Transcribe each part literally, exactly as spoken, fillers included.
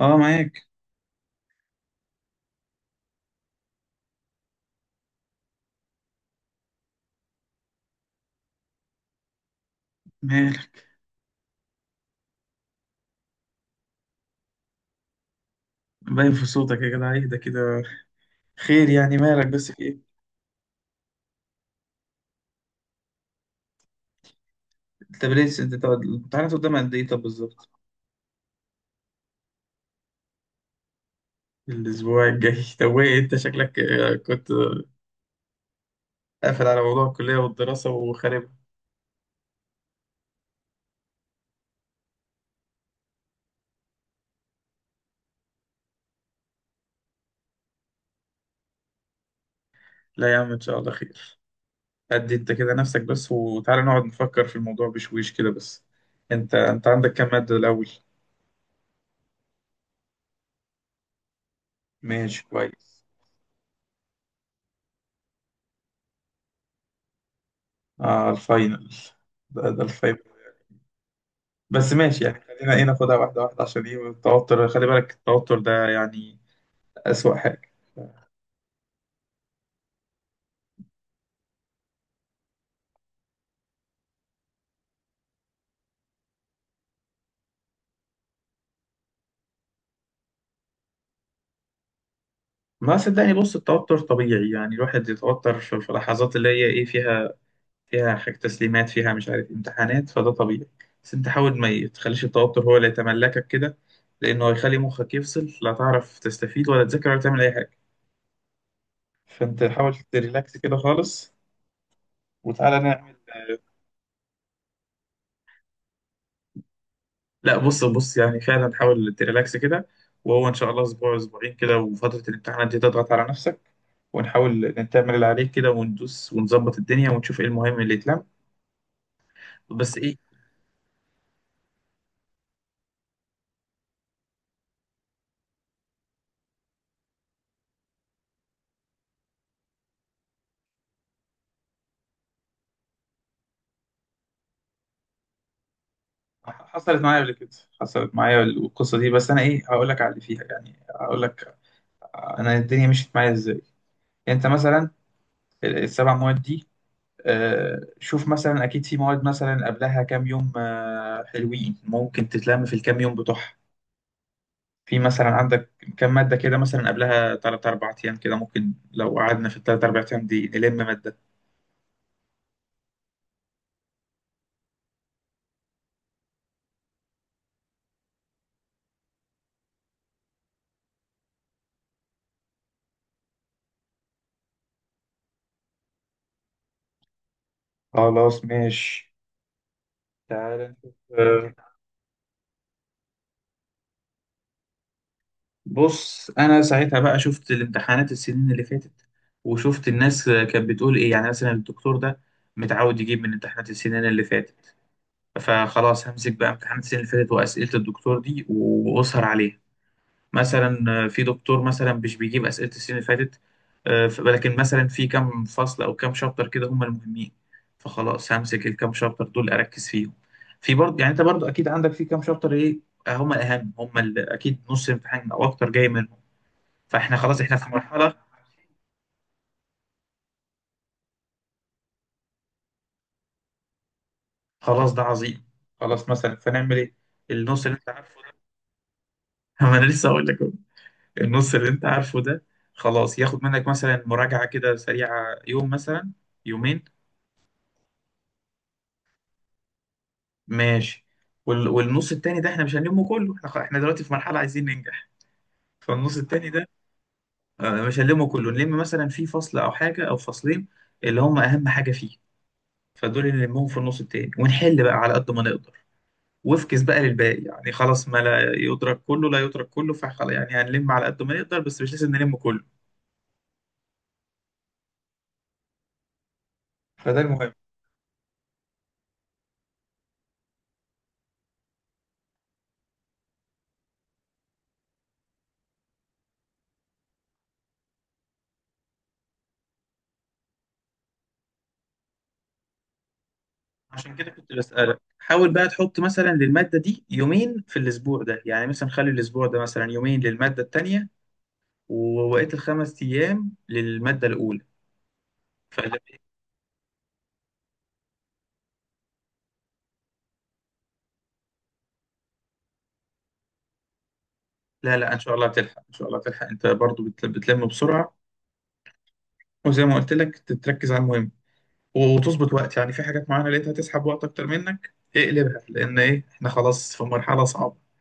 اه، معاك. مالك؟ باين في صوتك يا جدع، ايه ده كده؟ خير، يعني مالك، بس في ايه؟ طب ليه، س- انت تقعد- الامتحانات قدام قد ايه طب بالظبط؟ الاسبوع الجاي. طب وايه؟ انت شكلك آه، كنت آه، قافل على موضوع الكلية والدراسة وخارب. لا يا عم، ان شاء الله خير. قد انت كده نفسك بس، وتعالى نقعد نفكر في الموضوع بشويش كده بس. انت انت عندك كام مادة الاول؟ ماشي كويس. اه، الفاينل. ده, ده الفاينل. بس ماشي يعني، خلينا ايه، ناخدها واحدة واحدة، عشان ايه التوتر، خلي بالك التوتر ده يعني أسوأ حاجة. ما صدقني، بص، التوتر طبيعي، يعني الواحد يتوتر في في لحظات اللي هي إيه فيها فيها حاجة تسليمات، فيها مش عارف امتحانات، فده طبيعي. بس أنت حاول ما تخليش التوتر هو اللي يتملكك كده، لأنه هيخلي مخك يفصل، لا تعرف تستفيد ولا تذاكر ولا تعمل أي حاجة. فأنت حاول تريلاكس كده خالص، وتعالى نعمل. لا بص بص، يعني فعلا حاول تريلاكس كده. وهو إن شاء الله أسبوع أسبوعين كده، وفترة الامتحانات دي تضغط على نفسك، ونحاول نعمل اللي عليك كده، وندوس ونظبط الدنيا، ونشوف إيه المهم اللي يتلم، بس ايه. حصلت معايا قبل كده، حصلت معايا القصه دي. بس انا ايه هقول لك على اللي فيها، يعني هقول لك انا الدنيا مشيت معايا ازاي. انت مثلا ال- السبع مواد دي، آه، شوف مثلا، اكيد في مواد مثلا قبلها كام يوم آه، حلوين، ممكن تتلم في الكام يوم بتوعها. في مثلا عندك كام ماده كده مثلا قبلها تلات اربعة ايام، كده ممكن لو قعدنا في الثلاث اربع ايام دي نلم ماده. خلاص ماشي، تعال نشوف. بص انا ساعتها بقى شفت الامتحانات السنين اللي فاتت، وشفت الناس كانت بتقول ايه، يعني مثلا الدكتور ده متعود يجيب من امتحانات السنين اللي فاتت، فخلاص همسك بقى امتحانات السنين اللي فاتت واسئله الدكتور دي واسهر عليها. مثلا في دكتور مثلا مش بيجيب اسئله السنين اللي فاتت، آه، ف- لكن مثلا في كام فصل او كام شابتر كده هم المهمين، فخلاص همسك الكام شابتر دول اركز فيهم. في برضه، يعني انت برضه اكيد عندك في كام شابتر ايه هم الاهم، هم ال- اكيد نص امتحان او اكتر جاي من. فاحنا خلاص احنا في مرحله. خلاص ده عظيم. خلاص مثلا فنعمل ايه؟ النص اللي انت عارفه ده، ما انا لسه هقول لك أهو. النص اللي انت عارفه ده خلاص ياخد منك مثلا مراجعه كده سريعه، يوم مثلا، يومين. ماشي. وال... والنص التاني ده احنا مش هنلمه كله، احنا خ- إحنا دلوقتي في مرحله عايزين ننجح. فالنص التاني ده آه، مش هنلمه كله، نلم مثلا في فصل او حاجه او فصلين اللي هم اهم حاجه فيه، فدول اللي نلمهم في النص التاني، ونحل بقى على قد ما نقدر، وافكس بقى للباقي. يعني خلاص، ما لا يدرك كله لا يترك كله، فخلاص يعني هنلم على قد ما نقدر، بس مش لازم نلم كله، فده المهم. عشان كده كنت بسألك، حاول بقى تحط مثلا للمادة دي يومين في الأسبوع ده، يعني مثلا خلي الأسبوع ده مثلا يومين للمادة التانية، ووقت الخمس أيام للمادة الأولى. فلا، لا، لا، إن شاء الله هتلحق، إن شاء الله هتلحق، أنت برضو بت- بتلم بسرعة. وزي ما قلت لك، تركز على المهم وتظبط وقت، يعني في حاجات معينة لقيتها تسحب وقت أكتر منك اقلبها، لأن إيه، إحنا خلاص في مرحلة صعبة.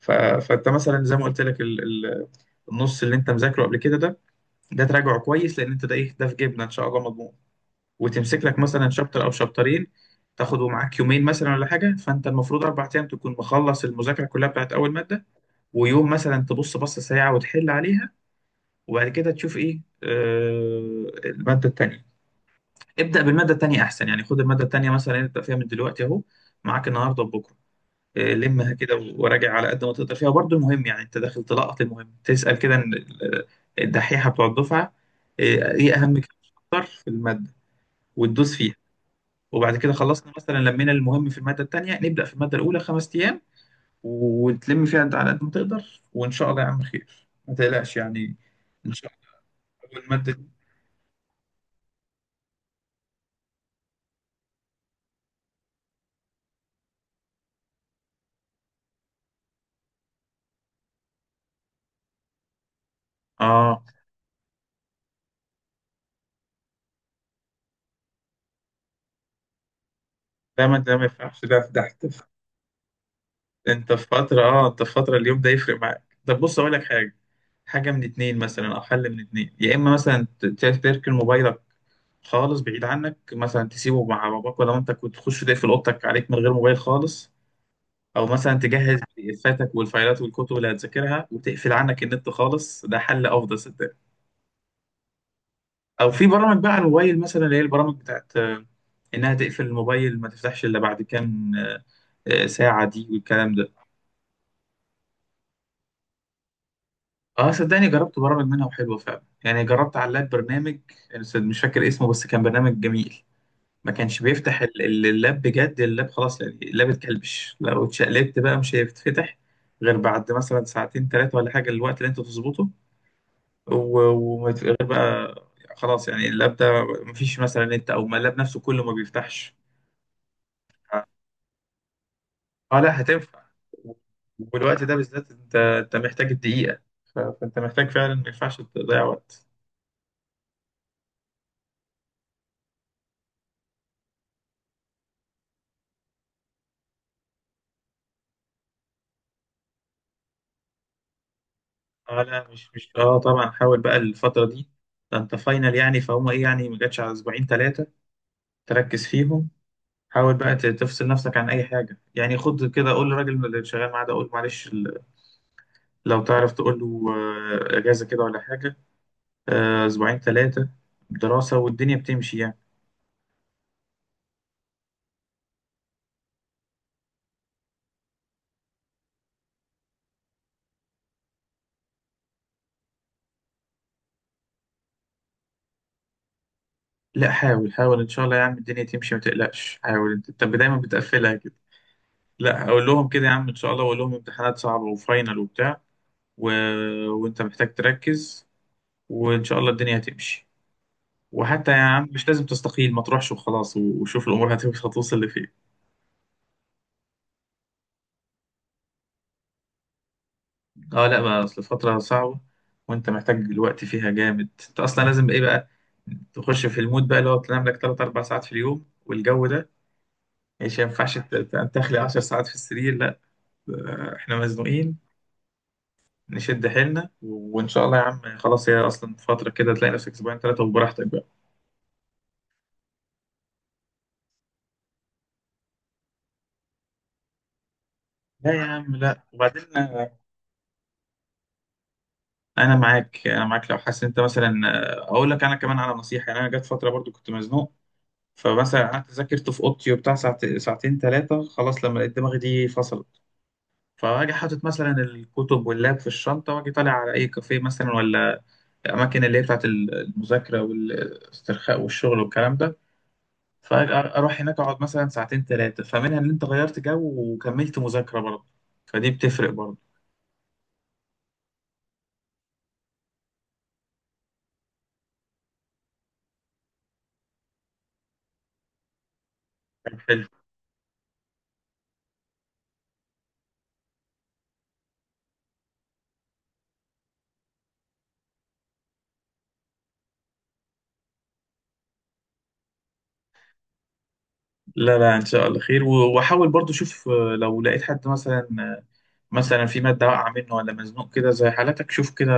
ف... فانت مثلا زي ما قلت لك ال... ال... النص اللي انت مذاكره قبل كده ده، ده تراجعه كويس، لان انت ده ايه، ده في جيبنا ان شاء الله مضمون. وتمسك لك مثلا شابتر او شابترين تاخده معاك يومين مثلا ولا حاجه. فانت المفروض اربع ايام تكون مخلص المذاكره كلها بتاعت اول ماده، ويوم مثلا تبص بصه سريعه وتحل عليها. وبعد كده تشوف ايه، آه... الماده التانيه. ابدا بالماده التانيه احسن، يعني خد الماده التانيه مثلا، ابدا فيها من دلوقتي اهو، معاك النهارده وبكره. آه، لمها كده وراجع على قد ما تقدر فيها برضو. المهم يعني انت داخل تلقط المهم، تسأل كده ان ال- الدحيحة بتوع الدفعة ايه، إيه اهم كتر في المادة، وتدوس فيها. وبعد كده خلصنا مثلا، لمينا المهم في المادة التانية، نبدأ في المادة الأولى خمس أيام، وتلم فيها انت على قد ما تقدر، وإن شاء الله يا عم خير، ما تقلقش يعني. إن شاء الله المادة دي. آه لا، ما ده ما ينفعش ده. في ده انت في فترة، اه انت في فترة، اليوم ده يفرق معاك. طب بص اقول لك حاجة، حاجة من اتنين مثلا، او حل من اتنين، يا اما مثلا ت- ت- تركن موبايلك خالص بعيد عنك، مثلا تسيبه مع باباك، ولا انت كنت تخش تقفل اوضتك عليك من غير موبايل خالص، او مثلا تجهز بي دي افاتك والفايلات والكتب اللي هتذاكرها، وتقفل عنك النت خالص، ده حل افضل صدقني. او في برامج بقى على الموبايل مثلا، اللي هي البرامج بتاعت آه، انها تقفل الموبايل ما تفتحش الا بعد كام آه، آه، ساعة، دي والكلام ده. اه صدقني، جربت برامج منها وحلوه فعلا، يعني جربت على اللاب برنامج، يعني صد- مش فاكر اسمه، بس كان برنامج جميل. ما كانش بيفتح ال- ال- اللاب، بجد اللاب خلاص، يعني اللاب اتكلبش، لو اتشقلبت بقى مش هيتفتح غير بعد مثلا ساعتين ثلاثه ولا حاجه، الوقت اللي انت تظبطه، و- وما يت- غير بقى. خلاص يعني اللاب ده مفيش مثلا نت، او ما اللاب نفسه كله ما بيفتحش. اه لا، هتنفع. والوقت ده بالذات، انت انت محتاج الدقيقه، ف- فانت محتاج فعلا، ما ينفعش تضيع وقت. اه لا، مش مش اه طبعا، حاول بقى الفترة دي، ده انت فاينل يعني، فهم ايه يعني، ما جاتش على اسبوعين ثلاثة، تركز فيهم. حاول بقى ت- تفصل نفسك عن اي حاجة، يعني خد كده قول للراجل اللي شغال معاه ده، قول معلش ال- لو تعرف تقول له آه، اجازة كده ولا حاجة، آه، اسبوعين ثلاثة دراسة، والدنيا بتمشي يعني. لا حاول حاول، ان شاء الله يا عم الدنيا تمشي، ما تقلقش. حاول انت، انت دايما بتقفلها كده. لا، اقول لهم كده يا عم ان شاء الله، واقول لهم امتحانات صعبة وفاينل وبتاع، و... وانت محتاج تركز، وان شاء الله الدنيا هتمشي. وحتى يا عم، مش لازم تستقيل، ما تروحش وخلاص، و- وشوف الامور هتمشي هتوصل لفين. اه لا بقى، اصل فتره صعبه، وانت محتاج الوقت فيها جامد. انت اصلا لازم ايه بقى، تخش في المود بقى اللي هو تنام لك ثلاث اربع ساعات في اليوم، والجو ده مش ينفعش ت- ت- تخلي عشر ساعات في السرير لا. آه، احنا مزنوقين، نشد حيلنا، و- وان شاء الله يا عم خلاص، هي اصلا فتره كده، تلاقي نفسك اسبوعين ثلاثه وبراحتك بقى. لا يا عم لا، وبعدين انا معاك، انا معاك، لو حاسس إن انت مثلا، آه، اقول لك انا كمان على نصيحه. يعني انا جت فتره برضو كنت مزنوق، فمثلا قعدت ذاكرت في اوضتي وبتاع ساعت... ساعتين ثلاثه، خلاص لما لقيت دماغي دي فصلت، فاجي حاطط مثلا الكتب واللاب في الشنطه، واجي طالع على اي كافيه مثلا، ولا اماكن اللي هي بتاعت ال- المذاكره والاسترخاء والشغل والكلام ده. فاروح هناك اقعد مثلا ساعتين ثلاثه، فمنها ان انت غيرت جو وكملت مذاكره برضه، فدي بتفرق برضه. لا لا، ان شاء الله خير، و- واحاول برضو. شوف آه، لو لقيت حد مثلا، آه، مثلا في ماده واقعه منه ولا مزنوق كده زي حالتك، شوف كده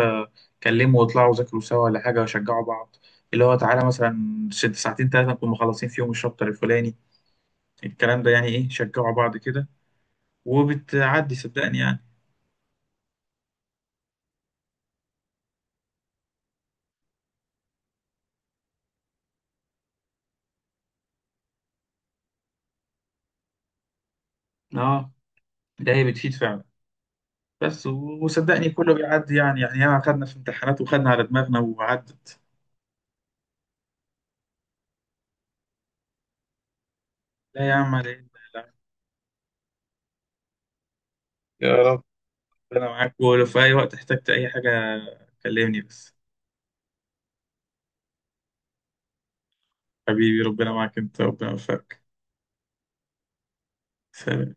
كلمه، واطلعوا ذاكروا سوا ولا حاجه، وشجعوا بعض. اللي هو تعالى مثلا ست- ساعتين ثلاثه نكون مخلصين فيهم الشابتر الفلاني، الكلام ده يعني، ايه، شجعوا بعض كده، وبتعدي صدقني يعني. اه، ده هي بتفيد فعلا. بس و- وصدقني كله بيعدي، يعني يعني ياما خدنا في امتحانات وخدنا على دماغنا وعدت. لا يا عم، على إيه؟ لا، لا. يا رب. انا معاك، ولو في اي وقت احتجت اي حاجه كلمني بس. حبيبي ربنا معاك، انت ربنا يوفقك. سلام.